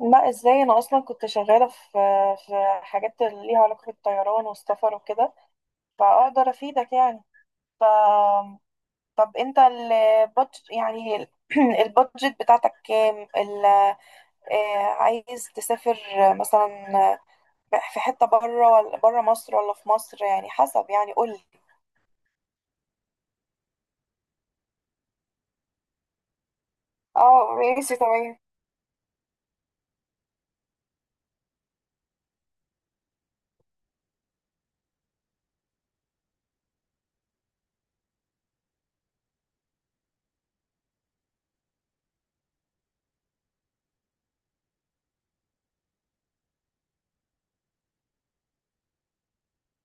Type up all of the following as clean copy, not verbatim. لا ازاي انا اصلا كنت شغاله في حاجات اللي ليها علاقه بالطيران والسفر وكده فاقدر افيدك يعني. ف طب انت البادجت يعني البادجت بتاعتك كام ال... آه، عايز تسافر مثلا في حته بره ولا بره مصر ولا في مصر، يعني حسب، يعني قول لي. اه، ماشي تمام.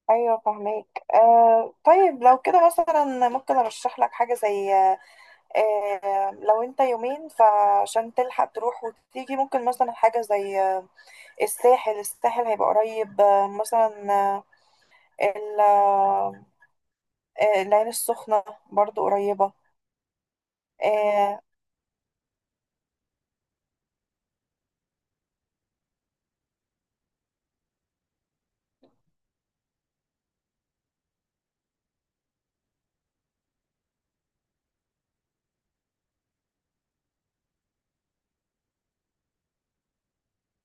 ايوه فهماك. طيب لو كده مثلا ممكن ارشح لك حاجه زي لو انت يومين فعشان تلحق تروح وتيجي ممكن مثلا حاجة زي الساحل، الساحل هيبقى قريب. مثلا ال- آه، العين السخنة برضو قريبة. آه،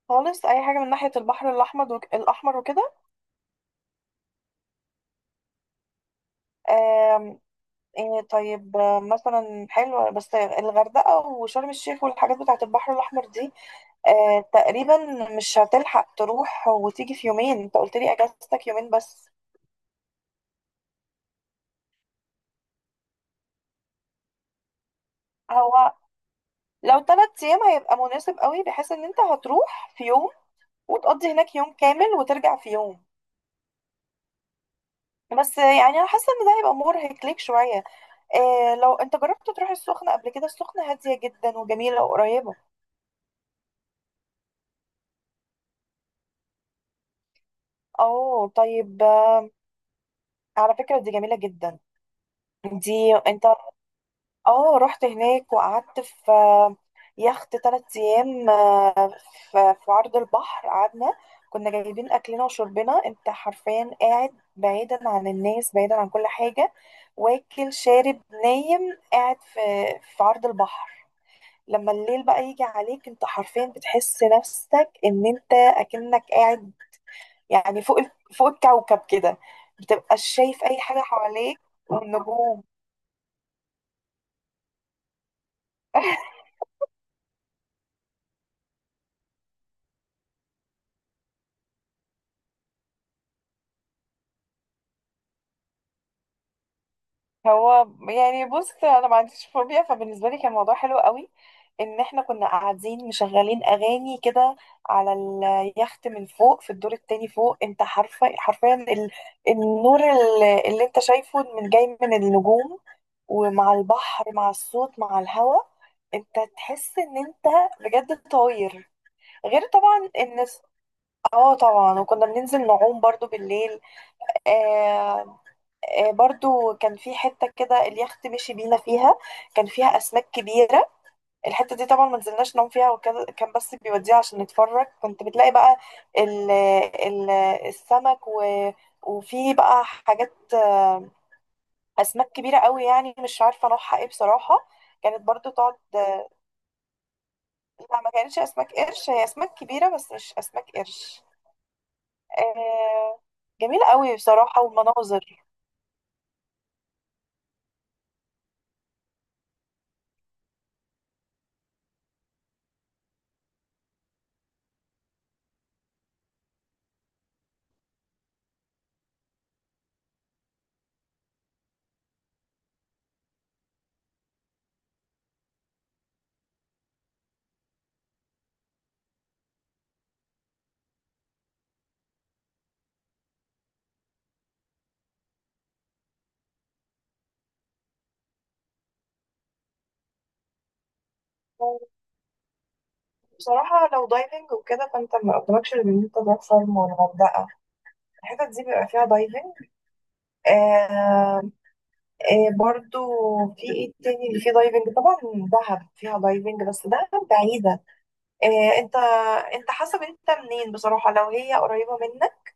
خالص أي حاجة من ناحية البحر الأحمر الأحمر وكده. آم، آه، طيب، مثلا حلوة بس الغردقة وشرم الشيخ والحاجات بتاعة البحر الأحمر دي. تقريبا مش هتلحق تروح وتيجي في يومين، انت قلت لي اجازتك يومين بس. هو لو 3 أيام هيبقى مناسب قوي، بحيث إن أنت هتروح في يوم، وتقضي هناك يوم كامل، وترجع في يوم، بس يعني أنا حاسة إن ده هيبقى مرهق ليك شوية. إيه لو أنت جربت تروح السخنة قبل كده؟ السخنة هادية جدا وجميلة وقريبة. أوه طيب. على فكرة دي جميلة جدا. دي أنت، اه رحت هناك وقعدت في يخت 3 ايام، في عرض البحر قعدنا. كنا جايبين اكلنا وشربنا، انت حرفيا قاعد بعيدا عن الناس، بعيدا عن كل حاجة، واكل شارب نايم قاعد في عرض البحر. لما الليل بقى يجي عليك انت حرفيا بتحس نفسك ان انت اكنك قاعد يعني فوق فوق الكوكب كده. بتبقى شايف اي حاجة حواليك والنجوم. هو يعني بص، انا ما عنديش فوبيا، فبالنسبه لي كان الموضوع حلو قوي. ان احنا كنا قاعدين مشغلين اغاني كده على اليخت من فوق في الدور التاني فوق، انت حرفيا حرفيا النور اللي انت شايفه من جاي من النجوم، ومع البحر مع الصوت مع الهواء، انت تحس ان انت بجد طاير. غير طبعا ان اه طبعا، وكنا بننزل نعوم برضو بالليل. آه، برضو كان في حتة كده اليخت مشي بينا فيها كان فيها أسماك كبيرة. الحتة دي طبعا ما نزلناش نوم فيها، وكان كان بس بيوديها عشان نتفرج، كنت بتلاقي بقى ال ال السمك، وفي بقى حاجات، أسماك كبيرة قوي يعني مش عارفة نوعها ايه بصراحة، كانت برضو تقعد. لا، ما كانتش أسماك قرش، هي أسماك كبيرة بس مش أسماك قرش. آه، جميلة قوي بصراحة والمناظر. بصراحة لو دايفنج وكده فانت ما قدامكش غير ان انت تروح شرم والغردقة، الحتت دي بيبقى فيها دايفنج. آه برضو، في ايه تاني اللي فيه دايفنج؟ طبعا دهب فيها دايفنج، بس دهب بعيدة. آه انت، انت حسب انت منين بصراحة، لو هي قريبة منك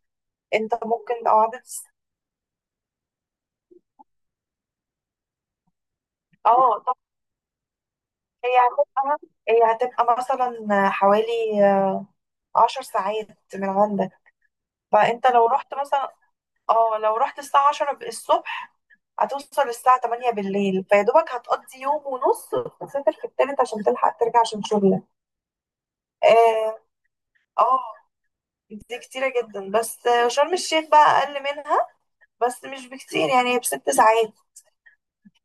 انت ممكن او عدد. اه طب، هي هتبقى، هي هتبقى مثلا حوالي 10 ساعات من عندك. فانت لو رحت مثلا، اه لو رحت الساعة 10 الصبح هتوصل الساعة 8 بالليل، فيا دوبك هتقضي يوم ونص، وتسافر في التالت عشان تلحق ترجع عشان شغلك. اه، اه، دي كتيرة جدا. بس شرم الشيخ بقى أقل منها، بس مش بكتير، يعني بست ساعات.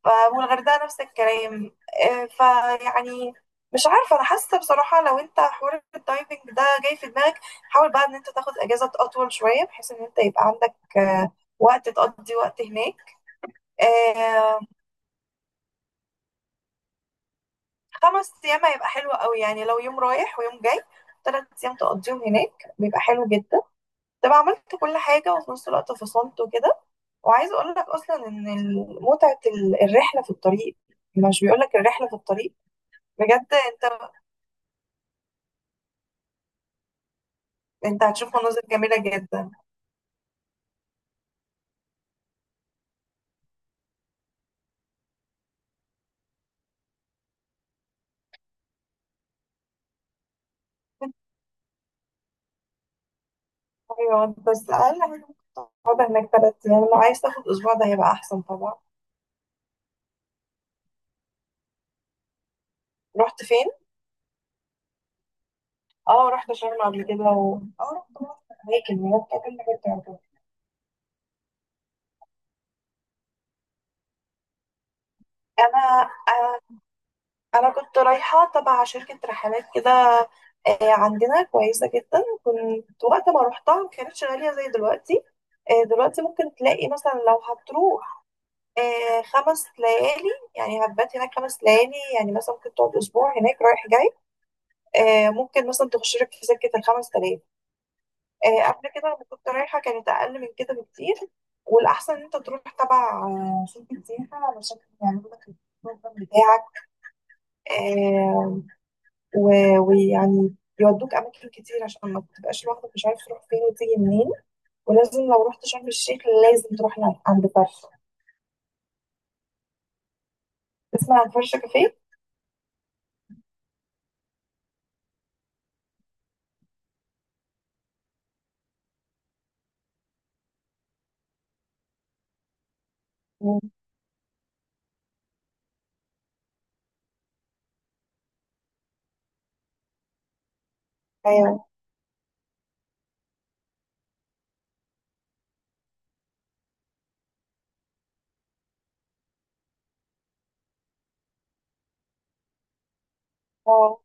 والغردقة نفس الكلام. فيعني مش عارفة، أنا حاسة بصراحة لو أنت حوار الدايفنج ده جاي في دماغك، حاول بقى إن أنت تاخد أجازة أطول شوية، بحيث إن أنت يبقى عندك وقت تقضي وقت هناك. آه، 5 ايام هيبقى حلو قوي، يعني لو يوم رايح ويوم جاي، 3 ايام تقضيهم هناك بيبقى حلو جدا. تبقى عملت كل حاجه وفي نفس الوقت فصلت وكده. وعايزه اقول لك اصلا ان متعه الرحله في الطريق، مش بيقول لك الرحله في الطريق؟ بجد انت، انت هتشوف مناظر جميله جدا. ايوه بس اقل حاجه ممكن تقعد هناك 3 ايام، لو عايز تاخد اسبوع ده هيبقى احسن طبعا. رحت فين؟ اه رحت شرم قبل كده و... اه رحت اماكن هناك كل حاجه بتعجبني. انا، انا كنت رايحه تبع شركه رحلات كده، عندنا كويسه جدا، كنت وقت ما روحتها ما كانتش غاليه زي دلوقتي. دلوقتي ممكن تلاقي مثلا لو هتروح 5 ليالي، يعني هتبات هناك 5 ليالي، يعني مثلا ممكن تقعد اسبوع هناك رايح جاي. ممكن مثلا تخش لك في سكه الخمس تلاف. قبل كده لما كنت رايحه كانت اقل من كده بكتير. والاحسن ان انت تروح تبع شركه سياحه علشان يعملوا لك البروجرام بتاعك، آه، ويعني يودوك أماكن كتير عشان ما تبقاش لوحدك مش عارف تروح فين وتيجي منين. ولازم لو رحت شرم الشيخ لازم تروح عند فرشة. تسمع عن فرشة كافيه؟ مم. أيوه. آه،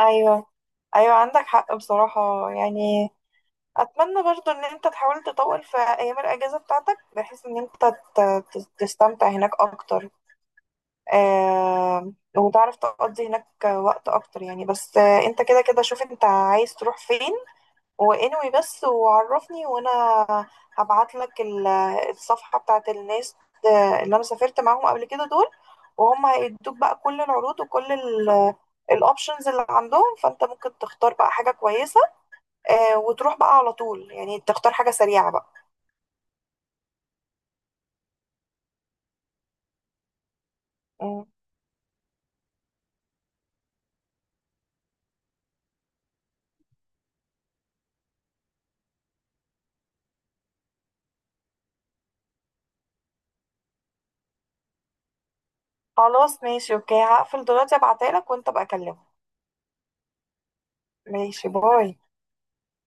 أيوه، أيوه عندك حق بصراحة يعني. أتمنى برضو إن أنت تحاول تطول في أيام الأجازة بتاعتك، بحيث إن أنت تستمتع هناك أكتر. وتعرف تقضي هناك وقت أكتر، يعني بس أنت كده كده شوف أنت عايز تروح فين، وانوي بس وعرفني، وانا هبعت لك الصفحة بتاعت الناس اللي انا سافرت معاهم قبل كده دول، وهم هيدوك بقى كل العروض وكل الاوبشنز اللي عندهم، فانت ممكن تختار بقى حاجة كويسة. وتروح بقى على طول، يعني تختار حاجة سريعة بقى. مم. خلاص ماشي اوكي، هقفل دلوقتي، ابعتها لك وانت بقى كلمه. ماشي باي.